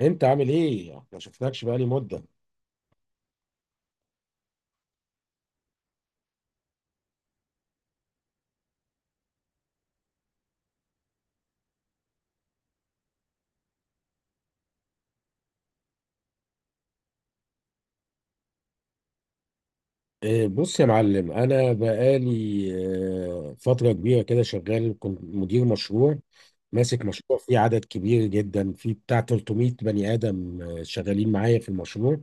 انت عامل ايه؟ ما شفناكش بقالي مده. إيه، بص يا معلم، انا بقالي فتره كبيره كده شغال. كنت مدير مشروع، ماسك مشروع فيه عدد كبير جدا، فيه بتاع 300 بني ادم شغالين معايا في المشروع.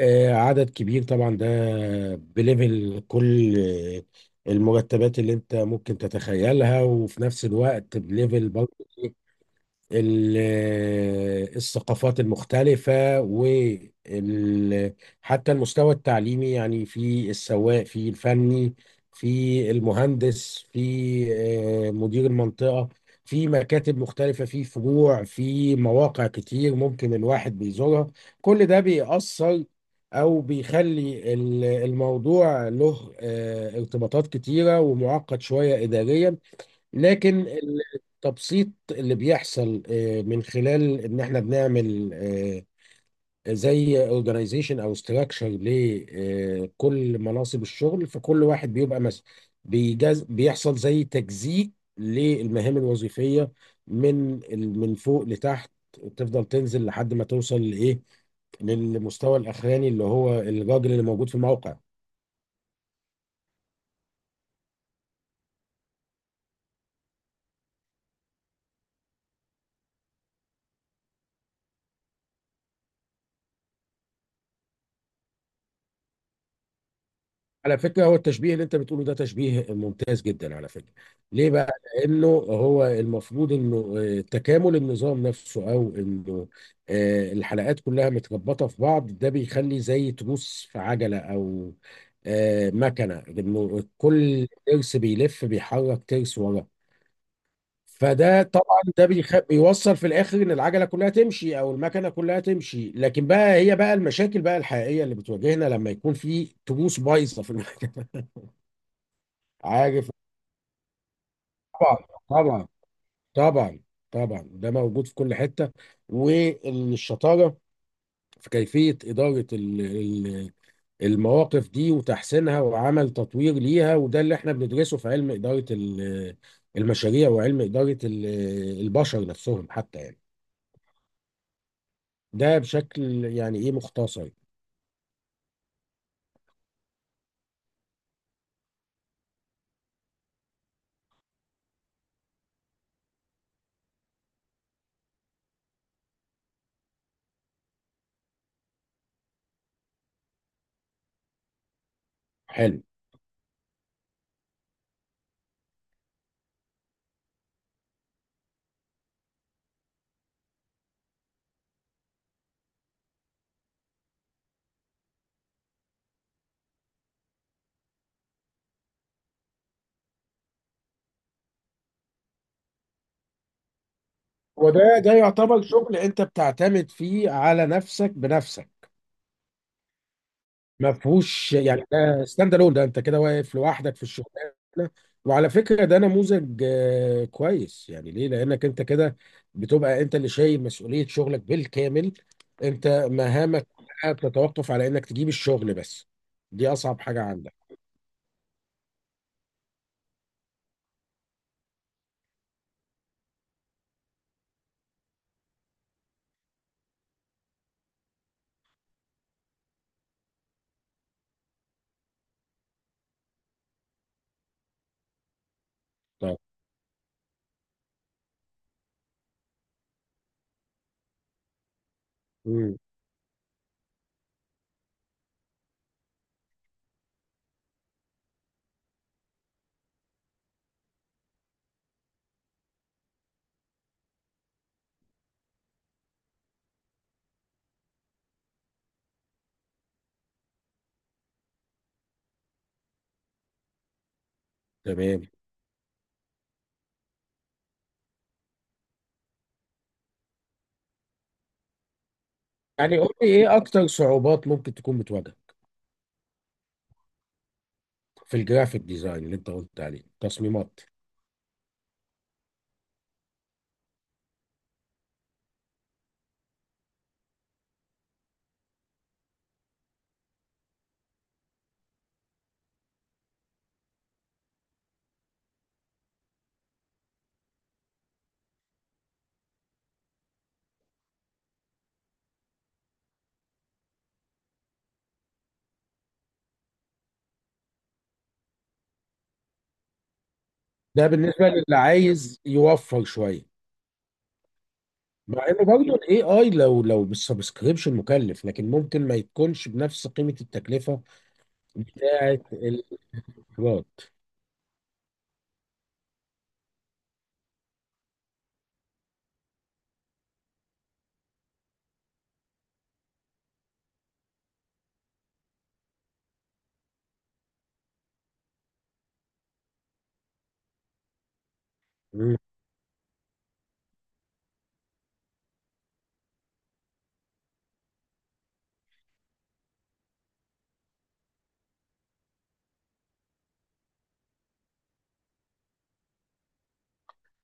عدد كبير طبعا ده. بليفل كل المرتبات اللي انت ممكن تتخيلها، وفي نفس الوقت بليفل برضه ال- الثقافات المختلفة، وال حتى المستوى التعليمي يعني، في السواق، في الفني، في المهندس، في مدير المنطقة، في مكاتب مختلفة، في فروع، في مواقع كتير ممكن الواحد بيزورها. كل ده بيأثر أو بيخلي الموضوع له ارتباطات كتيرة ومعقد شوية إداريا. لكن التبسيط اللي بيحصل من خلال ان احنا بنعمل زي اورجانيزيشن او ستراكشر لكل مناصب الشغل، فكل واحد بيبقى مس بيجز، بيحصل زي تجزيء للمهام الوظيفية، من من فوق لتحت، تفضل تنزل لحد ما توصل لايه، للمستوى الاخراني اللي هو الراجل اللي موجود في الموقع. على فكرة، هو التشبيه اللي انت بتقوله ده تشبيه ممتاز جدا على فكرة. ليه بقى؟ لانه هو المفروض انه تكامل النظام نفسه، او انه الحلقات كلها متربطة في بعض. ده بيخلي زي تروس في عجلة او مكنة، انه كل ترس بيلف بيحرك ترس وراه. فده طبعا ده بيوصل في الاخر ان العجله كلها تمشي او المكنه كلها تمشي. لكن بقى، هي بقى المشاكل بقى الحقيقيه اللي بتواجهنا لما يكون في تروس بايظه في المكنه. عارف، طبعا طبعا طبعا. طبعا ده موجود في كل حته، والشطاره في كيفيه اداره المواقف دي وتحسينها وعمل تطوير ليها. وده اللي احنا بندرسه في علم اداره المشاريع وعلم اداره البشر نفسهم حتى يعني. ده بشكل يعني ايه مختصر. حلو. وده ده يعتبر شغل انت بتعتمد فيه على نفسك بنفسك، ما فيهوش يعني، ده ستاند الون، ده انت كده واقف لوحدك في الشغلانه. وعلى فكره ده نموذج كويس يعني، ليه؟ لانك انت كده بتبقى انت اللي شايل مسؤوليه شغلك بالكامل. انت مهامك كلها بتتوقف على انك تجيب الشغل بس، دي اصعب حاجه عندك. طب مم. تمام. يعني قول لي، ايه اكتر صعوبات ممكن تكون بتواجهك في الجرافيك ديزاين اللي انت قلت عليه تصميمات؟ ده بالنسبه للي عايز يوفر شويه. مع انه برضه الاي اي لو لو بالسبسكريبشن مكلف، لكن ممكن ما يكونش بنفس قيمه التكلفه بتاعه، الايراد.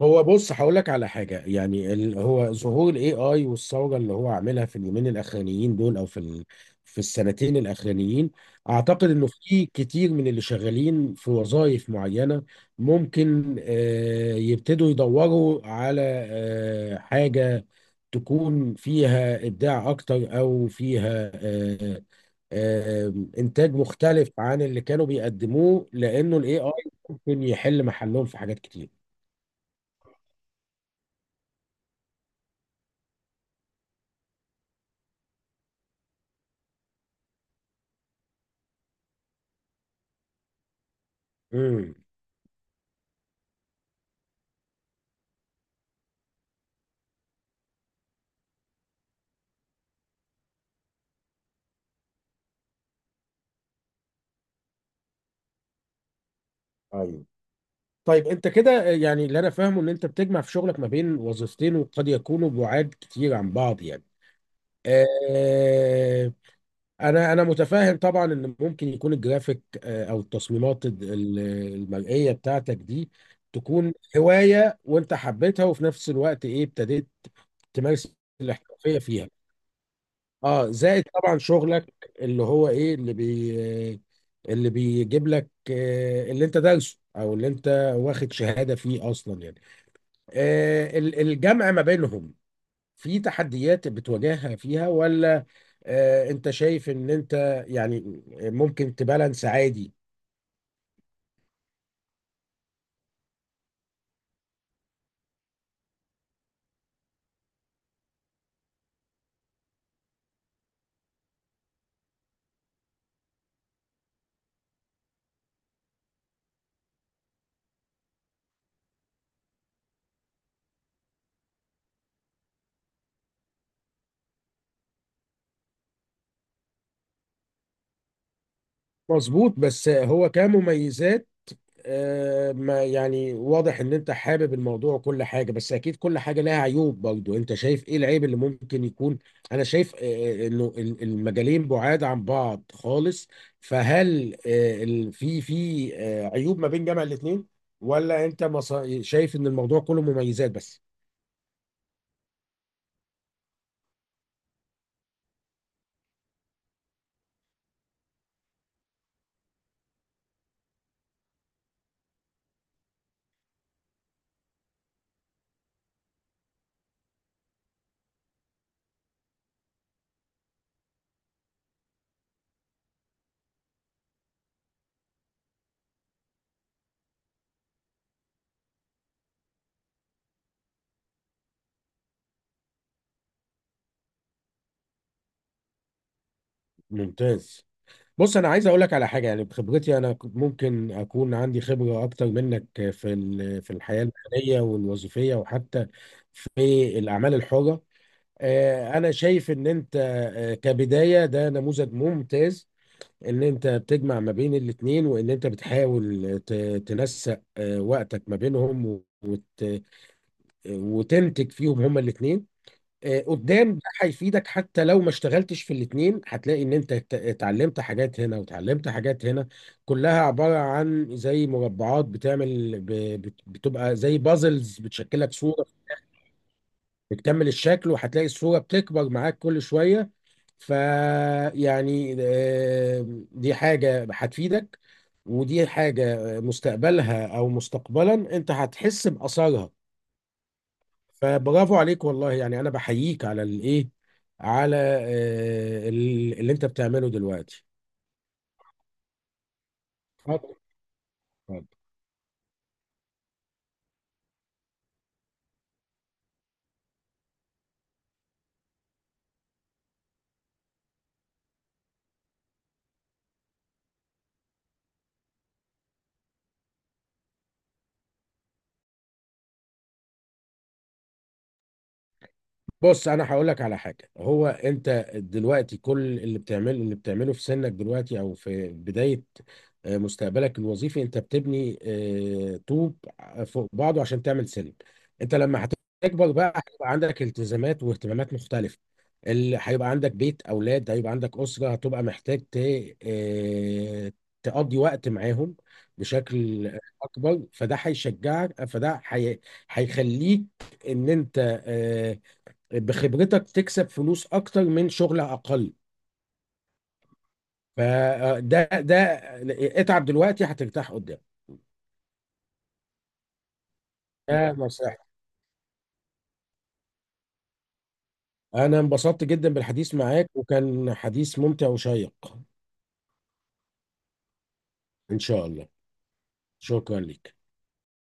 هو بص هقول لك على حاجه يعني، هو ظهور الاي اي والثوره اللي هو عاملها في اليومين الاخرانيين دول، او في في السنتين الاخرانيين، اعتقد انه في كتير من اللي شغالين في وظائف معينه ممكن آه يبتدوا يدوروا على آه حاجه تكون فيها ابداع اكتر، او فيها انتاج مختلف عن اللي كانوا بيقدموه، لانه الاي اي ممكن يحل محلهم في حاجات كتير. مم. ايوه. طيب انت كده يعني، اللي انا فاهمه ان انت بتجمع في شغلك ما بين وظيفتين، وقد يكونوا بعاد كتير عن بعض يعني. آه، انا متفاهم طبعا ان ممكن يكون الجرافيك آه، او التصميمات المرئيه بتاعتك دي تكون هوايه وانت حبيتها، وفي نفس الوقت ايه ابتديت تمارس الاحترافيه فيها. اه، زائد طبعا شغلك اللي هو ايه، اللي بيجيب لك اللي انت دارسه، او اللي انت واخد شهادة فيه اصلا يعني. الجمع ما بينهم في تحديات بتواجهها فيها، ولا انت شايف ان انت يعني ممكن تبالانس عادي؟ مظبوط. بس هو كمميزات ما يعني واضح ان انت حابب الموضوع وكل حاجة، بس اكيد كل حاجة لها عيوب برضو. انت شايف ايه العيب اللي ممكن يكون؟ انا شايف انه المجالين بعاد عن بعض خالص، فهل في عيوب ما بين جامع الاثنين، ولا شايف ان الموضوع كله مميزات بس؟ ممتاز. بص انا عايز اقول لك على حاجة يعني، بخبرتي انا ممكن اكون عندي خبرة اكتر منك في في الحياة المهنية والوظيفية، وحتى في الاعمال الحرة. انا شايف ان انت كبداية ده نموذج ممتاز. ان انت بتجمع ما بين الاتنين، وان انت بتحاول تنسق وقتك ما بينهم، وت... وتنتج فيهم هما الاتنين. قدام ده هيفيدك، حتى لو ما اشتغلتش في الاتنين هتلاقي ان انت اتعلمت حاجات هنا وتعلمت حاجات هنا. كلها عبارة عن زي مربعات بتبقى زي بازلز بتشكلك صورة، بتكمل الشكل. وهتلاقي الصورة بتكبر معاك كل شوية. فيعني دي حاجة هتفيدك، ودي حاجة مستقبلها أو مستقبلا أنت هتحس بأثرها. فبرافو عليك، والله يعني أنا بحييك على الإيه، على اللي أنت بتعمله دلوقتي. اتفضل. بص انا هقول لك على حاجه، هو انت دلوقتي كل اللي بتعمله، اللي بتعمله في سنك دلوقتي او في بدايه مستقبلك الوظيفي، انت بتبني طوب فوق بعضه عشان تعمل سلم. انت لما هتكبر بقى، هيبقى عندك التزامات واهتمامات مختلفه، اللي هيبقى عندك بيت، اولاد، هيبقى عندك اسره، هتبقى محتاج ت... آه، تقضي وقت معاهم بشكل اكبر. فده هيشجعك، هيخليك ان انت آه، بخبرتك تكسب فلوس اكتر من شغل اقل. فده ده، اتعب دلوقتي هترتاح قدام. ده نصيحتي. انا انبسطت جدا بالحديث معاك، وكان حديث ممتع وشيق. ان شاء الله. شكرا لك.